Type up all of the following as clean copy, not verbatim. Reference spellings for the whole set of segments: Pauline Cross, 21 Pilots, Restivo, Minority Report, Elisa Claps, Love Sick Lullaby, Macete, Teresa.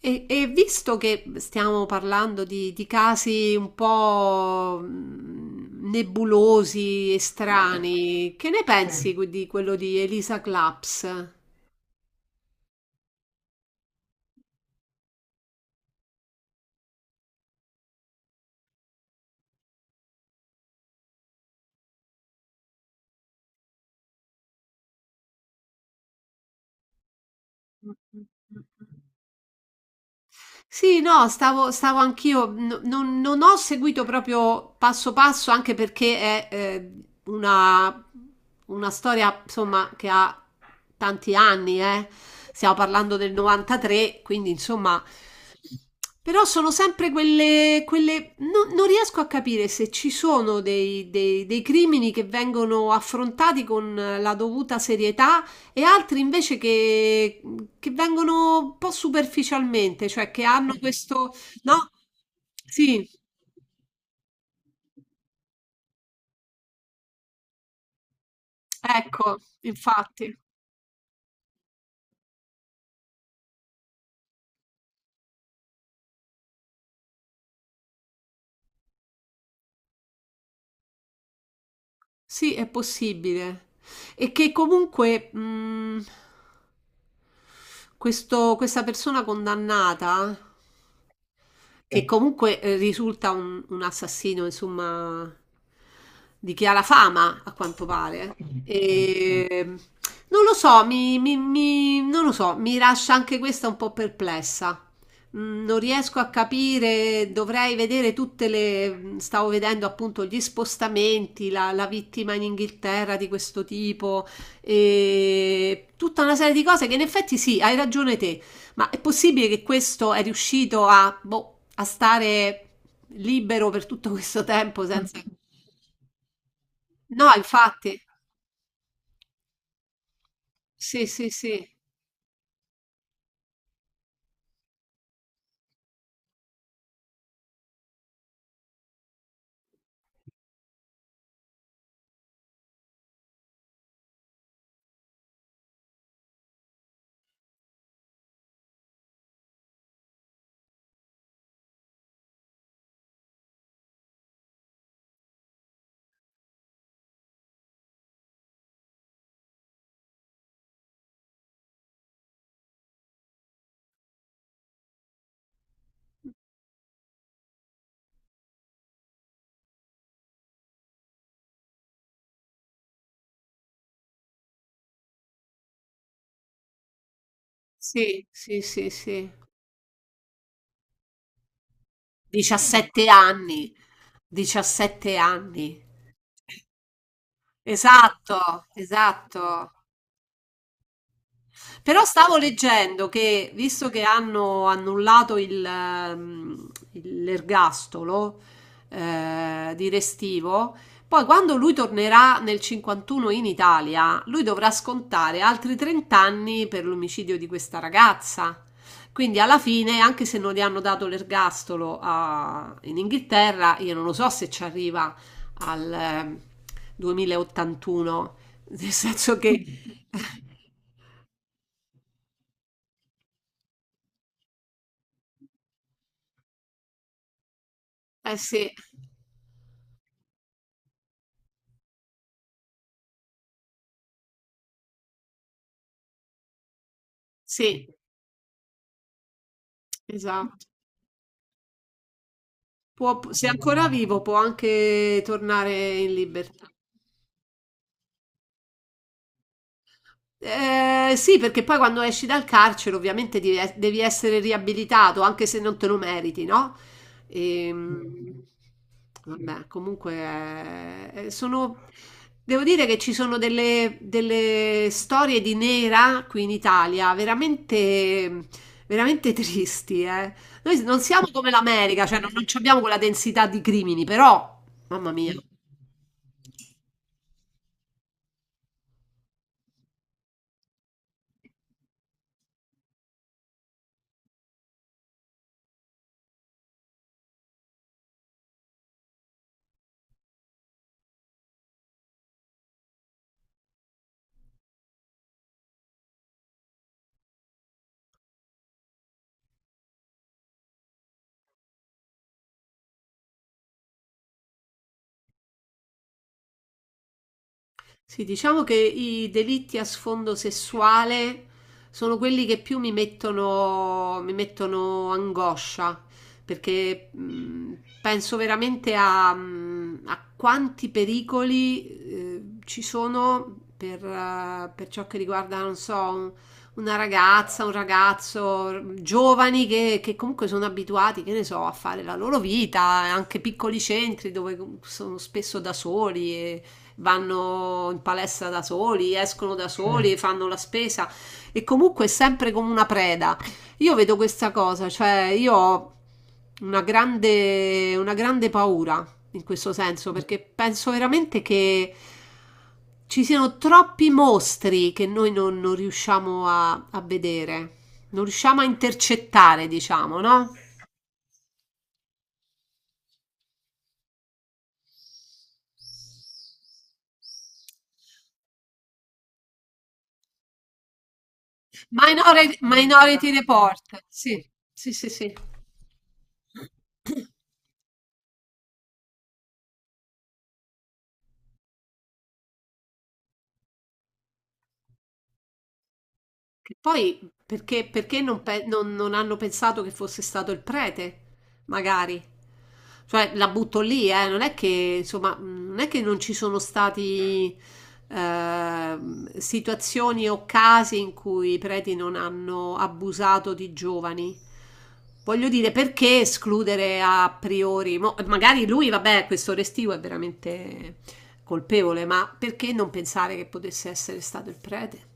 E visto che stiamo parlando di casi un po' nebulosi e strani, che ne Sì. pensi di quello di Elisa Claps? Mm, mm, mm. Sì, no, stavo anch'io, non ho seguito proprio passo passo, anche perché è una, una storia, insomma, che ha tanti anni, eh. Stiamo parlando del 93, quindi insomma, però sono sempre no- non riesco a capire se ci sono dei crimini che vengono affrontati con la dovuta serietà e altri invece che vengono un po' superficialmente, cioè che hanno questo... No? Sì, ecco, infatti. Sì, è possibile. E che comunque questa persona condannata, che comunque risulta un assassino, insomma, di chi ha la fama, a quanto pare. E, non lo so, non lo so, mi lascia anche questa un po' perplessa. Non riesco a capire, dovrei vedere tutte le... Stavo vedendo appunto gli spostamenti, la, la vittima in Inghilterra di questo tipo, e tutta una serie di cose che in effetti sì, hai ragione te, ma è possibile che questo è riuscito a, boh, a stare libero per tutto questo tempo senza... No, infatti. Sì, sì, sì, sì, sì, sì, sì. 17 anni. 17 anni. Esatto, esatto. Però stavo leggendo che, visto che hanno annullato il, l'ergastolo di Restivo, poi quando lui tornerà nel 51 in Italia, lui dovrà scontare altri 30 anni per l'omicidio di questa ragazza. Quindi alla fine, anche se non gli hanno dato l'ergastolo in Inghilterra, io non lo so se ci arriva al 2081, nel senso che eh sì, sì, esatto. Se è ancora vivo può anche tornare in libertà. Sì, perché poi quando esci dal carcere ovviamente devi, devi essere riabilitato, anche se non te lo meriti, no? Ehm, vabbè, comunque sono... Devo dire che ci sono delle, delle storie di nera qui in Italia, veramente, veramente tristi, eh. Noi non siamo come l'America, cioè non, non abbiamo quella densità di crimini, però, mamma mia. Sì, diciamo che i delitti a sfondo sessuale sono quelli che più mi mettono angoscia, perché penso veramente a, a quanti pericoli ci sono per ciò che riguarda, non so, una ragazza, un ragazzo, giovani che comunque sono abituati, che ne so, a fare la loro vita, anche piccoli centri dove sono spesso da soli vanno in palestra da soli, escono da soli, fanno la spesa e comunque è sempre come una preda. Io vedo questa cosa, cioè io ho una grande paura in questo senso perché penso veramente che ci siano troppi mostri che noi non riusciamo a, a vedere, non riusciamo a intercettare, diciamo, no? Minority Report, sì, sì, sì, sì. Che poi perché, perché non, non hanno pensato che fosse stato il prete, magari? Cioè, la butto lì, non è che, insomma, non è che non ci sono stati situazioni o casi in cui i preti non hanno abusato di giovani. Voglio dire, perché escludere a priori? Magari lui, vabbè, questo restivo è veramente colpevole, ma perché non pensare che potesse essere stato il prete?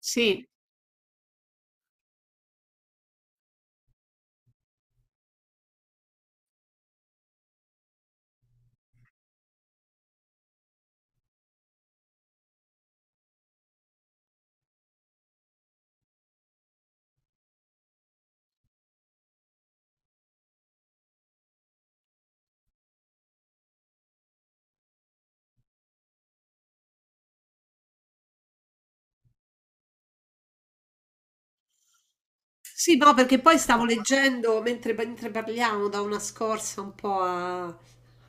Sì, sì, no, perché poi stavo leggendo mentre, mentre parliamo da una scorsa un po'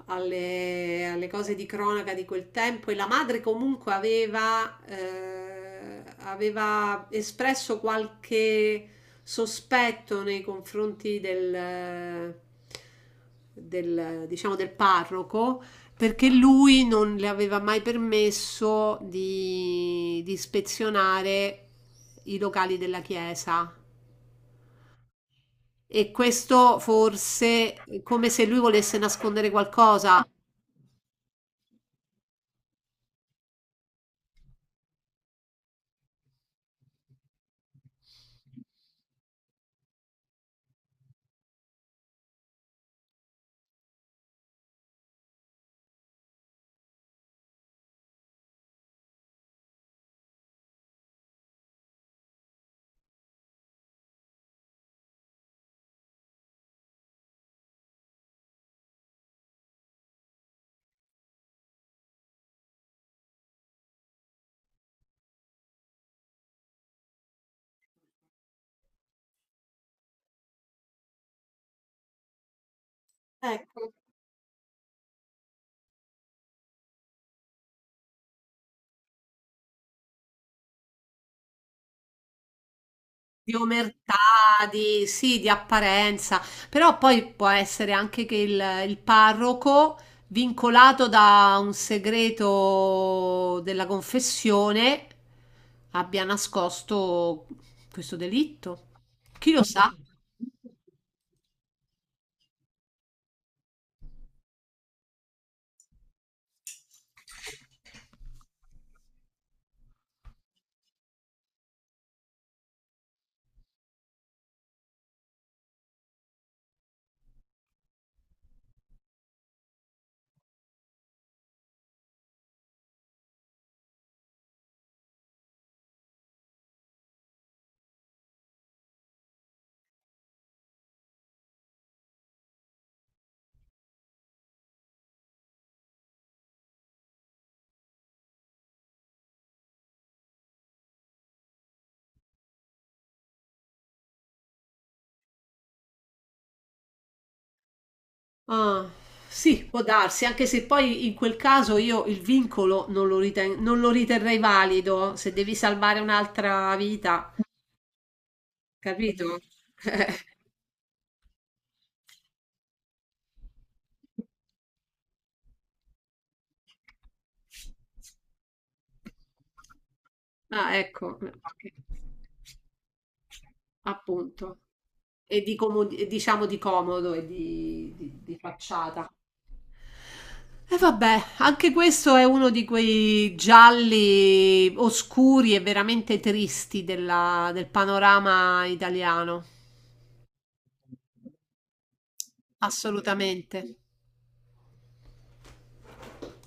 alle, alle cose di cronaca di quel tempo e la madre comunque aveva, aveva espresso qualche sospetto nei confronti del, del, diciamo, del parroco perché lui non le aveva mai permesso di ispezionare i locali della chiesa. E questo forse è come se lui volesse nascondere qualcosa. Ecco. Di omertà, di, sì, di apparenza, però poi può essere anche che il parroco, vincolato da un segreto della confessione, abbia nascosto questo delitto. Chi lo sa? Ah, sì, può darsi, anche se poi in quel caso io il vincolo non lo non lo riterrei valido se devi salvare un'altra vita, capito? Ah, ecco, ok, appunto. E di e diciamo di comodo e di, di facciata. E vabbè, anche questo è uno di quei gialli oscuri e veramente tristi del panorama italiano. Assolutamente.